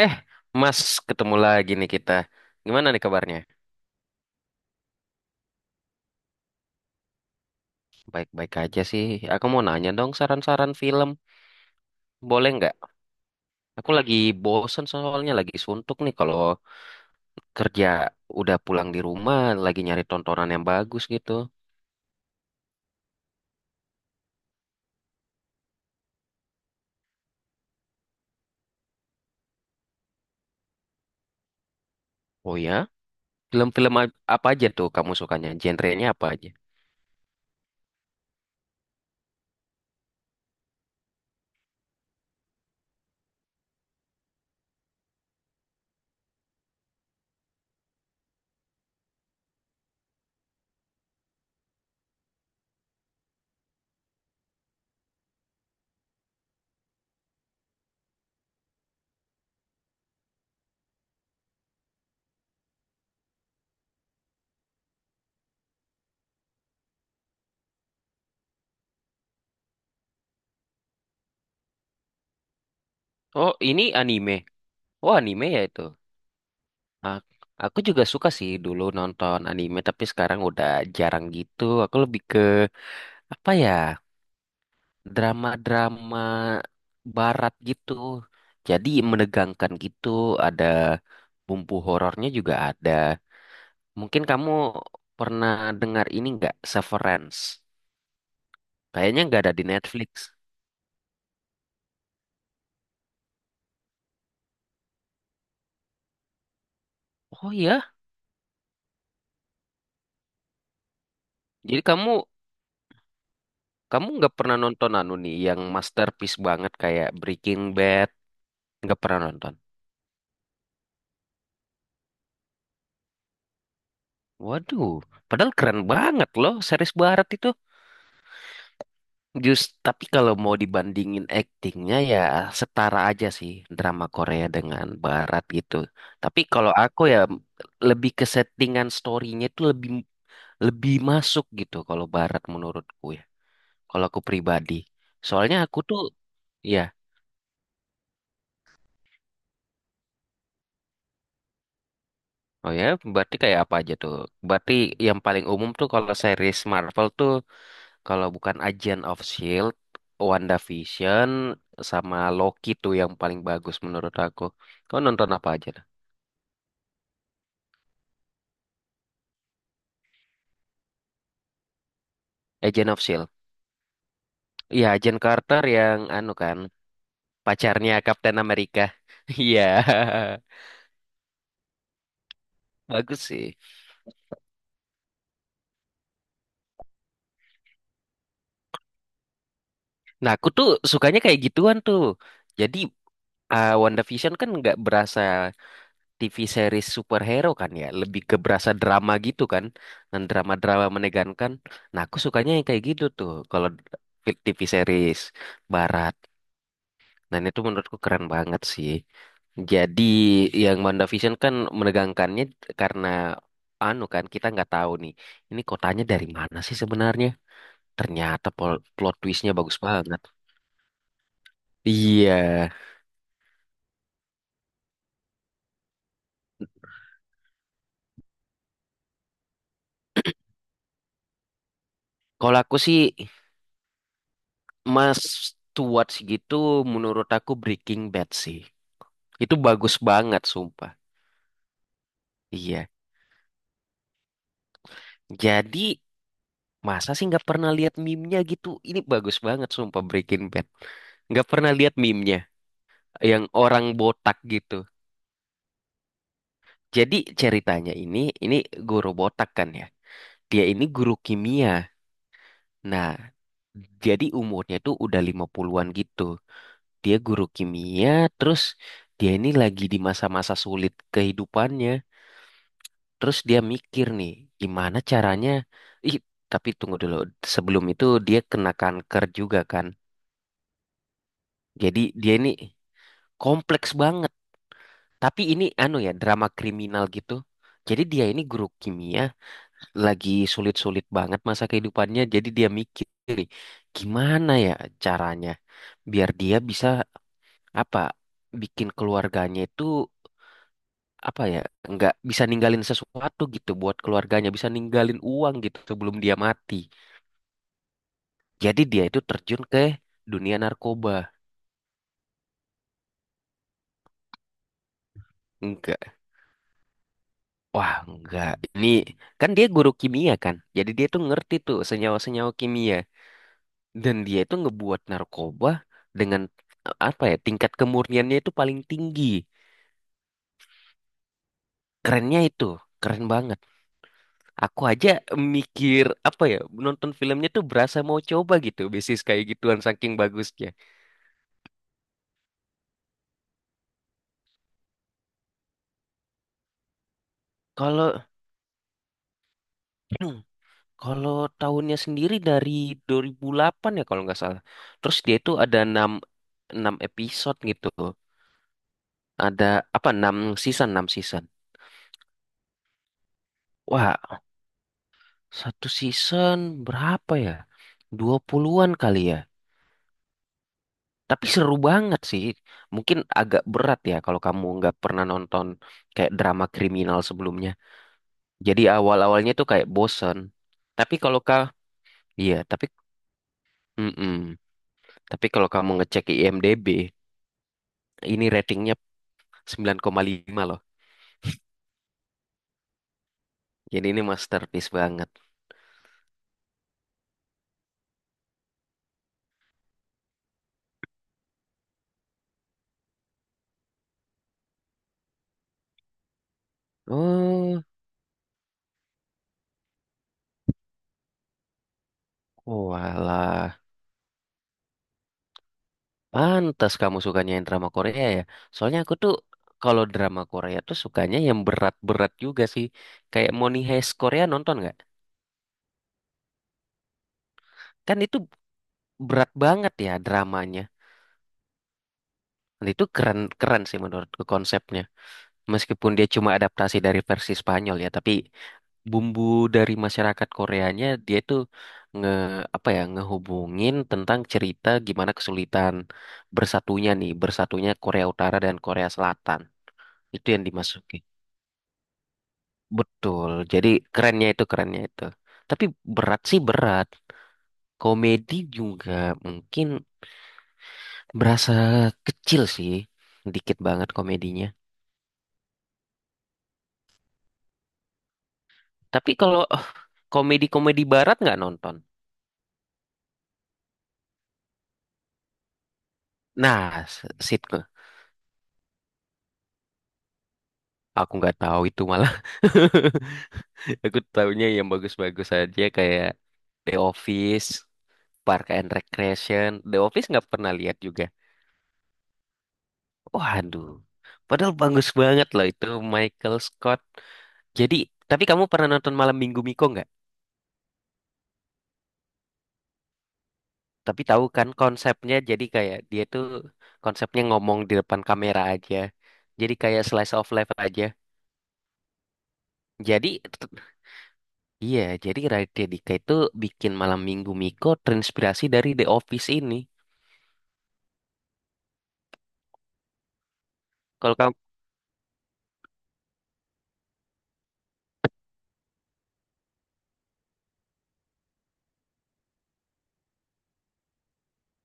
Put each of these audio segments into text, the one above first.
Eh, Mas, ketemu lagi nih kita. Gimana nih kabarnya? Baik-baik aja sih. Aku mau nanya dong saran-saran film. Boleh nggak? Aku lagi bosen soalnya lagi suntuk nih kalau kerja udah pulang di rumah lagi nyari tontonan yang bagus gitu. Oh ya? Film-film apa aja tuh kamu sukanya? Genrenya apa aja? Oh, ini anime. Oh, anime ya itu. Ah, aku juga suka sih dulu nonton anime, tapi sekarang udah jarang gitu. Aku lebih ke apa ya? Drama-drama barat gitu. Jadi menegangkan gitu, ada bumbu horornya juga ada. Mungkin kamu pernah dengar ini nggak, Severance? Kayaknya nggak ada di Netflix. Oh iya, jadi kamu kamu nggak pernah nonton anu nih yang masterpiece banget kayak Breaking Bad, nggak pernah nonton. Waduh, padahal keren banget loh series barat itu. Just tapi kalau mau dibandingin aktingnya ya setara aja sih drama Korea dengan Barat gitu. Tapi kalau aku ya lebih ke settingan storynya itu lebih lebih masuk gitu kalau Barat menurutku ya. Kalau aku pribadi. Soalnya aku tuh ya, oh ya berarti kayak apa aja tuh? Berarti yang paling umum tuh kalau series Marvel tuh kalau bukan Agent of Shield, WandaVision sama Loki tuh yang paling bagus menurut aku. Kau nonton apa aja? Agent of Shield. Iya, Agent Carter yang anu kan, pacarnya Kapten Amerika. Iya, bagus sih. Nah, aku tuh sukanya kayak gituan tuh. Jadi Wonder WandaVision kan nggak berasa TV series superhero kan ya, lebih ke berasa drama gitu kan, dan drama-drama menegangkan. Nah, aku sukanya yang kayak gitu tuh, kalau TV series barat. Dan itu menurutku keren banget sih. Jadi yang Banda Vision kan menegangkannya karena anu kan kita nggak tahu nih ini kotanya dari mana sih sebenarnya. Ternyata plot twistnya bagus banget. Iya, kalau aku sih Mas Stuart segitu menurut aku Breaking Bad sih. Itu bagus banget sumpah. Iya. Jadi masa sih nggak pernah lihat meme-nya gitu? Ini bagus banget sumpah Breaking Bad. Nggak pernah lihat meme yang orang botak gitu. Jadi ceritanya ini guru botak kan ya. Dia ini guru kimia. Nah, jadi umurnya tuh udah 50-an gitu. Dia guru kimia, terus dia ini lagi di masa-masa sulit kehidupannya. Terus dia mikir nih, gimana caranya? Ih, tapi tunggu dulu. Sebelum itu dia kena kanker juga kan. Jadi dia ini kompleks banget. Tapi ini anu ya, drama kriminal gitu. Jadi dia ini guru kimia, lagi sulit-sulit banget masa kehidupannya jadi dia mikir nih, gimana ya caranya biar dia bisa apa bikin keluarganya itu apa ya nggak bisa ninggalin sesuatu gitu buat keluarganya bisa ninggalin uang gitu sebelum dia mati. Jadi dia itu terjun ke dunia narkoba. Enggak, wah enggak, ini kan dia guru kimia kan jadi dia tuh ngerti tuh senyawa-senyawa kimia. Dan dia itu ngebuat narkoba dengan apa ya tingkat kemurniannya itu paling tinggi. Kerennya itu, keren banget. Aku aja mikir apa ya nonton filmnya tuh berasa mau coba gitu, basis kayak gituan saking bagusnya. Kalau kalau tahunnya sendiri dari 2008 ya kalau nggak salah. Terus dia itu ada 6 enam episode gitu. Ada apa 6 season, 6 season. Wah, satu season berapa ya? 20-an kali ya. Tapi seru banget sih. Mungkin agak berat ya kalau kamu nggak pernah nonton kayak drama kriminal sebelumnya. Jadi awal-awalnya tuh kayak bosen. Tapi kalau kau, iya, tapi, mm-mm. Tapi kalau kamu ngecek IMDb, ini ratingnya 9,5 loh. Jadi ini masterpiece banget. Oh, walah. Pantas kamu sukanya yang drama Korea ya. Soalnya aku tuh kalau drama Korea tuh sukanya yang berat-berat juga sih. Kayak Money Heist Korea nonton nggak? Kan itu berat banget ya dramanya. Dan itu keren keren sih menurutku konsepnya. Meskipun dia cuma adaptasi dari versi Spanyol ya, tapi bumbu dari masyarakat Koreanya dia itu nge apa ya ngehubungin tentang cerita gimana kesulitan bersatunya nih, bersatunya Korea Utara dan Korea Selatan. Itu yang dimasuki. Betul. Jadi kerennya itu kerennya itu. Tapi berat sih berat. Komedi juga mungkin berasa kecil sih. Dikit banget komedinya. Tapi kalau komedi-komedi barat nggak nonton? Nah, s- sitcom. Aku nggak tahu itu malah. Aku tahunya yang bagus-bagus aja kayak The Office, Park and Recreation. The Office nggak pernah lihat juga. Waduh, padahal bagus banget loh itu Michael Scott. Jadi, tapi kamu pernah nonton Malam Minggu Miko nggak? Tapi tahu kan konsepnya jadi kayak dia tuh konsepnya ngomong di depan kamera aja. Jadi kayak slice of life aja. Jadi iya, jadi Raditya Dika itu bikin Malam Minggu Miko terinspirasi dari The Office ini. Kalau kamu,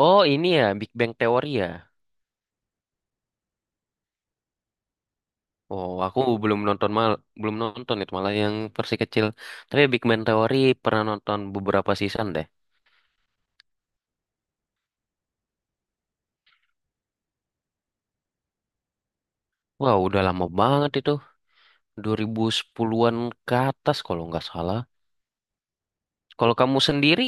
oh ini ya Big Bang Theory ya. Oh, aku belum nonton mal, belum nonton itu malah yang versi kecil. Tapi Big Bang Theory pernah nonton beberapa season deh. Wah, udah lama banget itu, 2010-an ke atas kalau nggak salah. Kalau kamu sendiri,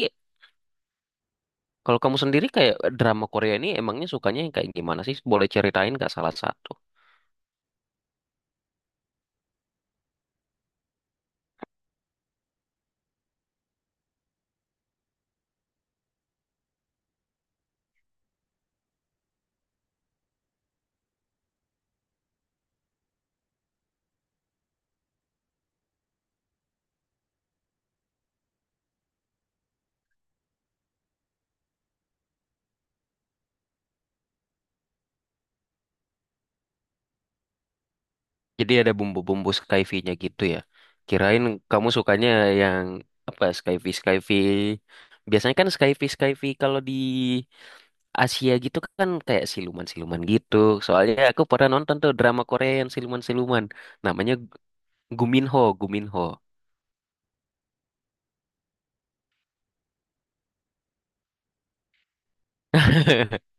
kalau kamu sendiri kayak drama Korea ini emangnya sukanya yang kayak gimana sih? Boleh ceritain nggak salah satu? Jadi ada bumbu-bumbu skyfi-nya gitu ya. Kirain kamu sukanya yang apa skyfi skyfi. Biasanya kan skyfi skyfi kalau di Asia gitu kan kayak siluman-siluman gitu. Soalnya aku pernah nonton tuh drama Korea yang siluman-siluman. Namanya Guminho, Guminho.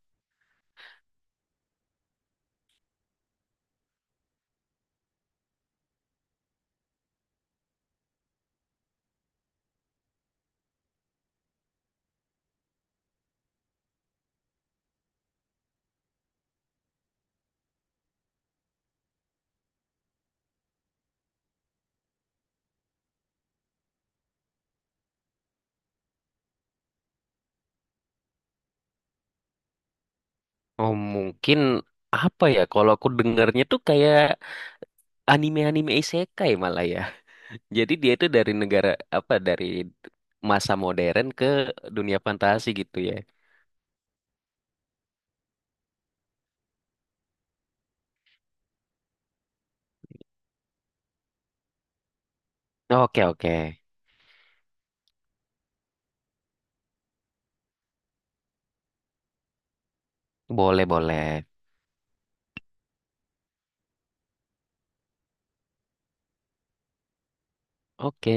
Oh mungkin apa ya? Kalau aku dengarnya tuh kayak anime-anime isekai malah ya. Jadi dia itu dari negara apa dari masa modern ke dunia fantasi gitu ya. Oke, oke. Boleh, boleh. Oke.